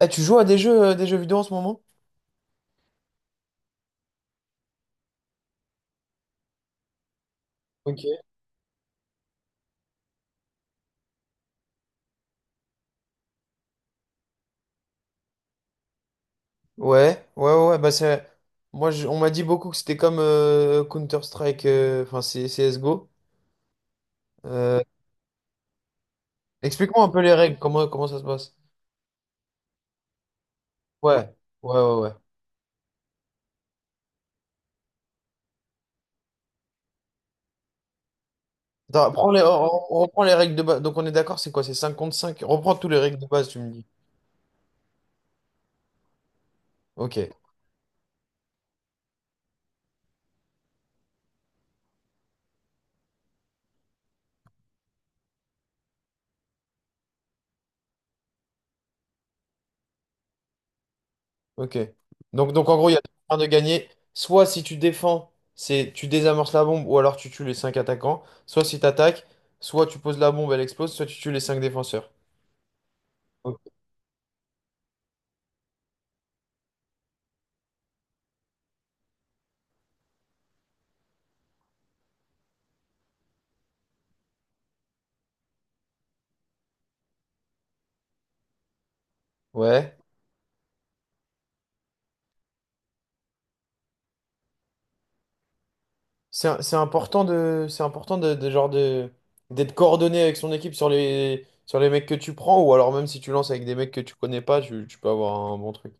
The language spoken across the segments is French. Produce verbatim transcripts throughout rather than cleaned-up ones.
Eh, tu joues à des jeux, euh, des jeux vidéo en ce moment? Ok. Ouais, ouais, ouais, ouais, bah c'est. Moi, je- on m'a dit beaucoup que c'était comme euh, Counter-Strike, euh, enfin C- CSGO. Euh, Explique-moi un peu les règles, comment, comment ça se passe? Ouais, ouais, ouais, ouais. Attends, prends les, on, on reprend les règles de base. Donc on est d'accord, c'est quoi? C'est cinq contre cinq. Reprends tous les règles de base, tu me dis. Ok, ok. Donc, donc, en gros, il y a un de gagner. Soit si tu défends, c'est tu désamorces la bombe, ou alors tu tues les cinq attaquants. Soit si tu attaques, soit tu poses la bombe, elle explose, soit tu tues les cinq défenseurs. Ouais. C'est, c'est important de, c'est important de, de genre de, d'être coordonné avec son équipe sur les, sur les mecs que tu prends, ou alors même si tu lances avec des mecs que tu connais pas, tu, tu peux avoir un bon truc.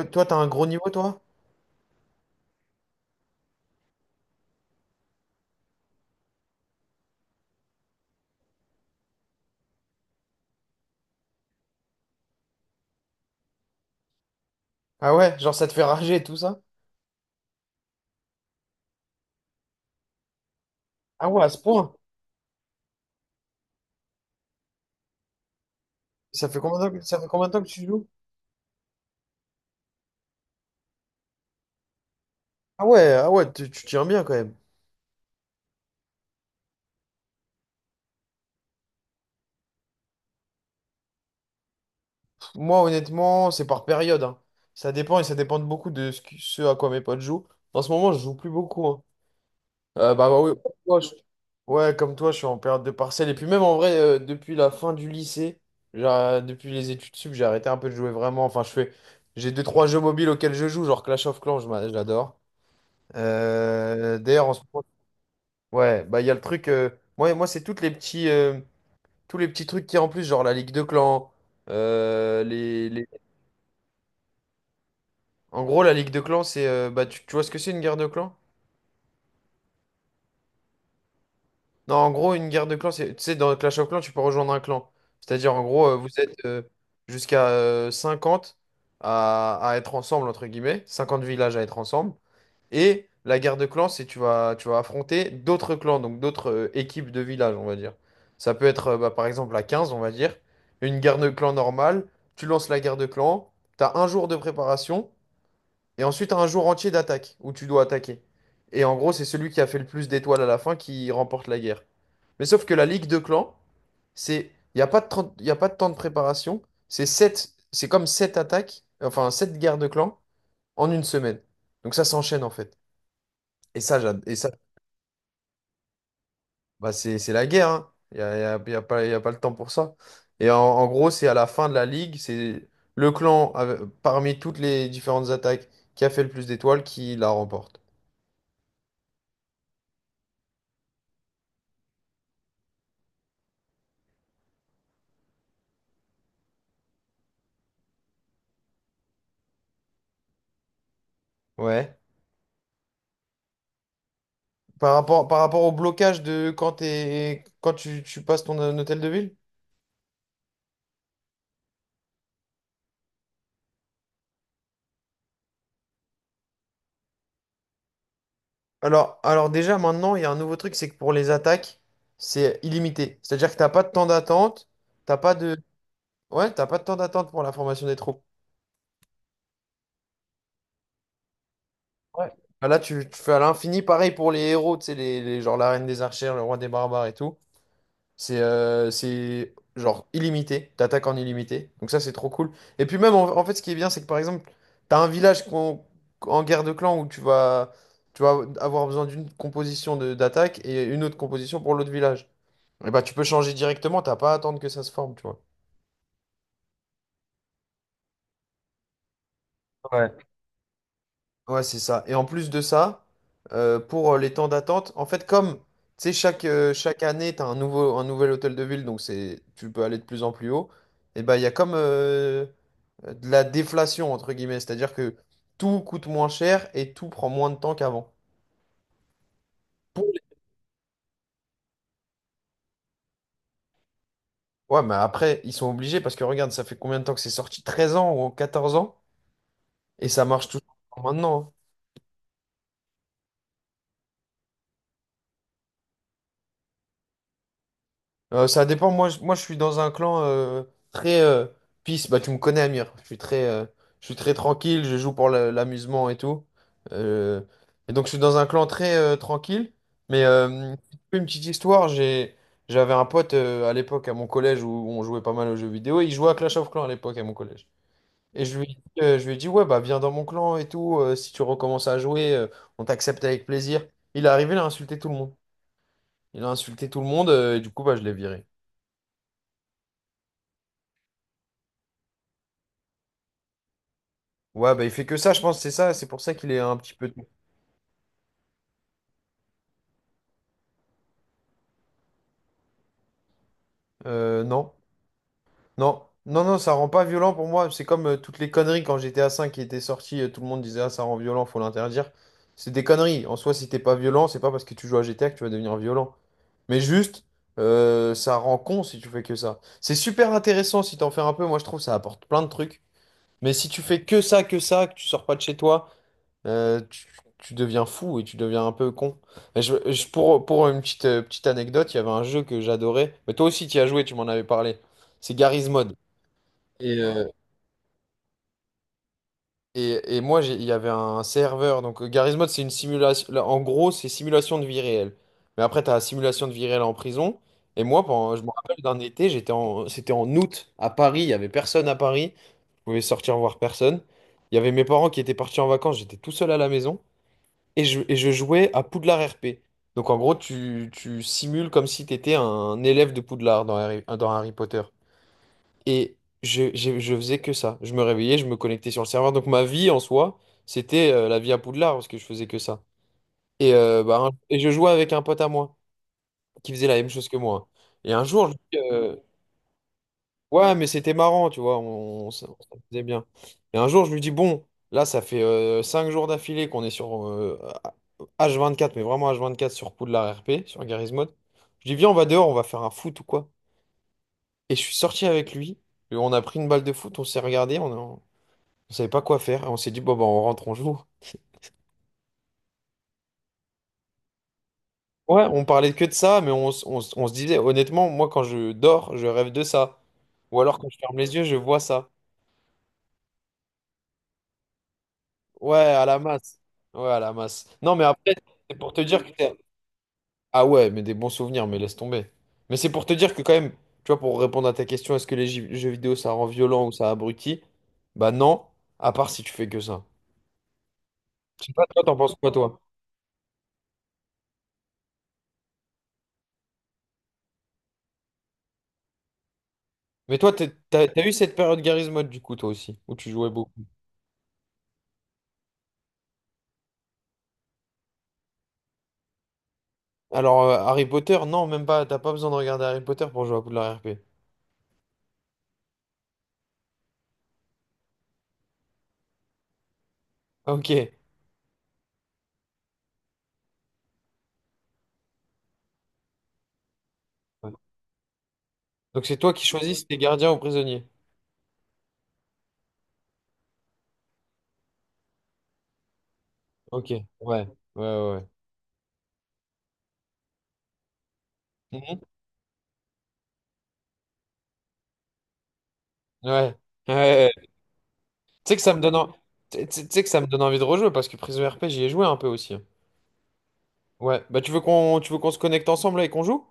Euh, Toi, t'as un gros niveau, toi? Ah ouais, genre ça te fait rager et tout ça? Ah ouais, à ce point? Ça fait combien de temps, que- ça fait combien de temps que tu joues? Ah ouais, ah ouais, tu, tu tiens bien quand même. Pff, moi, honnêtement, c'est par période, hein. Ça dépend et ça dépend de beaucoup de ce, qui- ce à quoi mes potes jouent. En ce moment, je joue plus beaucoup, hein. Euh, bah, bah oui, ouais, comme toi, je suis en période de partiel. Et puis même en vrai, euh, depuis la fin du lycée, genre, depuis les études sup, j'ai arrêté un peu de jouer vraiment. Enfin, je fais, j'ai deux, trois jeux mobiles auxquels je joue, genre Clash of Clans, je m'a- je l'adore. Euh, D'ailleurs, en ce moment, ouais, bah il y a le truc. euh, moi, moi, c'est toutes les petits, euh, tous les petits trucs qui en plus, genre la Ligue de Clans. euh, les, les- En gros, la Ligue de Clans, c'est, euh, bah, tu, tu vois ce que c'est une guerre de clans? Non, en gros, une guerre de clans, c'est, tu sais, dans Clash of Clans, tu peux rejoindre un clan. C'est-à-dire, en gros, euh, vous êtes euh, jusqu'à euh, cinquante à, à être ensemble, entre guillemets, cinquante villages à être ensemble. Et la guerre de clans, c'est tu vas, tu vas affronter d'autres clans, donc d'autres euh, équipes de villages, on va dire. Ça peut être, euh, bah, par exemple, à quinze, on va dire, une guerre de clans normale, tu lances la guerre de clans, tu as un jour de préparation, et ensuite, t'as un jour entier d'attaque, où tu dois attaquer. Et en gros, c'est celui qui a fait le plus d'étoiles à la fin qui remporte la guerre. Mais sauf que la ligue de clans, c'est, il n'y a pas de trente y a pas de temps de préparation, c'est sept- c'est comme sept attaques, enfin sept guerres de clans en une semaine. Donc ça s'enchaîne en fait. Et ça, j'ad- et ça bah c'est c'est la guerre, hein. Il n'y a, y a- y a pas, y a pas le temps pour ça. Et en, en gros, c'est à la fin de la ligue, c'est le clan, avec- parmi toutes les différentes attaques, qui a fait le plus d'étoiles qui la remporte. Ouais. Par rapport, par rapport au blocage de quand t'es, quand tu, tu passes ton euh, hôtel de ville? Alors, alors, déjà maintenant, il y a un nouveau truc, c'est que pour les attaques, c'est illimité. C'est-à-dire que t'as pas de temps d'attente, t'as pas de. Ouais, t'as pas de temps d'attente pour la formation des troupes. Ouais. Ah, là, tu, tu fais à l'infini, pareil pour les héros, tu sais, les, les- genre la reine des archères, le roi des barbares et tout. C'est euh, c'est genre illimité, t'attaques en illimité. Donc ça, c'est trop cool. Et puis même, en, en fait, ce qui est bien, c'est que par exemple, t'as un village qu'on- en guerre de clan où tu vas, tu vas avoir besoin d'une composition de- d'attaque et une autre composition pour l'autre village. Et bah, tu peux changer directement, t'as pas à attendre que ça se forme, tu vois. Ouais, c'est ça. Et en plus de ça, euh, pour euh, les temps d'attente, en fait, comme tu sais, chaque, euh, chaque année, tu as un nouveau, un nouvel hôtel de ville, donc c'est, tu peux aller de plus en plus haut, et ben il y a comme euh, de la déflation, entre guillemets, c'est-à-dire que tout coûte moins cher et tout prend moins de temps qu'avant. Pour les- Ouais, mais après, ils sont obligés parce que regarde, ça fait combien de temps que c'est sorti? Treize ans ou quatorze ans? Et ça marche toujours maintenant, hein. Euh, ça dépend. Moi, je, moi, je suis dans un clan euh, très euh, peace. Bah, tu me connais, Amir. Je suis très, euh, je suis très tranquille. Je joue pour le- l'amusement et tout. Euh, et donc, je suis dans un clan très euh, tranquille. Mais euh, une petite histoire. J'ai, j'avais un pote euh, à l'époque à mon collège où on jouait pas mal aux jeux vidéo. Il jouait à Clash of Clans à l'époque à mon collège. Et je lui, ai dit, euh, je lui ai dit, ouais, bah, viens dans mon clan et tout. Euh, si tu recommences à jouer, euh, on t'accepte avec plaisir. Il est arrivé, il a insulté tout le monde. Il a insulté tout le monde. Euh, et du coup, bah, je l'ai viré. Ouais, bah il fait que ça, je pense, c'est ça, c'est pour ça qu'il est un petit peu. Euh, non, non, non, non, ça rend pas violent pour moi. C'est comme euh, toutes les conneries quand G T A cinq qui était sorti, euh, tout le monde disait ah, ça rend violent, faut l'interdire. C'est des conneries. En soi, si t'es pas violent, c'est pas parce que tu joues à G T A que tu vas devenir violent. Mais juste, euh, ça rend con si tu fais que ça. C'est super intéressant si t'en fais un peu. Moi, je trouve ça apporte plein de trucs. Mais si tu fais que ça, que ça, que tu sors pas de chez toi, Euh, tu, tu deviens fou et tu deviens un peu con. Mais je- je- pour, pour une petite, euh, petite anecdote, il y avait un jeu que j'adorais. Mais toi aussi, tu y as joué, tu m'en avais parlé. C'est Garry's Mod. Et, euh, et, et moi, j'ai- il y avait un serveur. Donc, euh, Garry's Mod, c'est une simulation. Là, en gros, c'est simulation de vie réelle. Mais après, tu as simulation de vie réelle en prison. Et moi, pendant, je me rappelle d'un été, j'étais en, c'était en août à Paris. Il y avait personne à Paris. Je pouvais sortir voir personne. Il y avait mes parents qui étaient partis en vacances. J'étais tout seul à la maison. et je, et je jouais à Poudlard R P. Donc en gros, tu, tu simules comme si tu étais un élève de Poudlard dans Harry, dans Harry Potter. Et je, je, je faisais que ça. Je me réveillais, je me connectais sur le serveur. Donc ma vie en soi, c'était euh, la vie à Poudlard parce que je faisais que ça. Et, euh, bah, un- et je jouais avec un pote à moi qui faisait la même chose que moi. Et un jour, lui, euh, Ouais, mais c'était marrant, tu vois, on, on s- on s'amusait bien. Et un jour, je lui dis, bon, là, ça fait euh, cinq jours d'affilée qu'on est sur euh, H vingt-quatre, mais vraiment H vingt-quatre sur Poudlard R P, sur Garry's Mod. Je dis, viens, on va dehors, on va faire un foot ou quoi. Et je suis sorti avec lui, et on a pris une balle de foot, on s'est regardé, on, a- on savait pas quoi faire, et on s'est dit, bon, bah, on rentre, on joue. Ouais, on parlait que de ça, mais on, s- on s- on se disait, honnêtement, moi, quand je dors, je rêve de ça. Ou alors, quand je ferme les yeux, je vois ça. Ouais, à la masse. Ouais, à la masse. Non, mais après, c'est pour te dire que t'es- Ah ouais, mais des bons souvenirs, mais laisse tomber. Mais c'est pour te dire que quand même, tu vois, pour répondre à ta question, est-ce que les jeux jeux vidéo, ça rend violent ou ça abrutit? Bah non, à part si tu fais que ça. Je sais pas, toi, t'en penses quoi, toi? Mais toi, t'es- t'as, t'as eu cette période Garry's Mod, du coup, toi aussi, où tu jouais beaucoup. Alors, euh, Harry Potter, non, même pas, t'as pas besoin de regarder Harry Potter pour jouer à Poudlard R P. Ok. Ouais. Donc c'est toi qui choisis tes gardiens ou prisonniers. Ok, ouais, ouais, ouais. Ouais. Mhm. Ouais. Ouais, ouais. Tu sais que ça me donne en- tu tu- tu sais que ça me donne envie de rejouer parce que Prison R P j'y ai joué un peu aussi. Ouais, bah tu veux qu'on tu veux qu'on se connecte ensemble là et qu'on joue?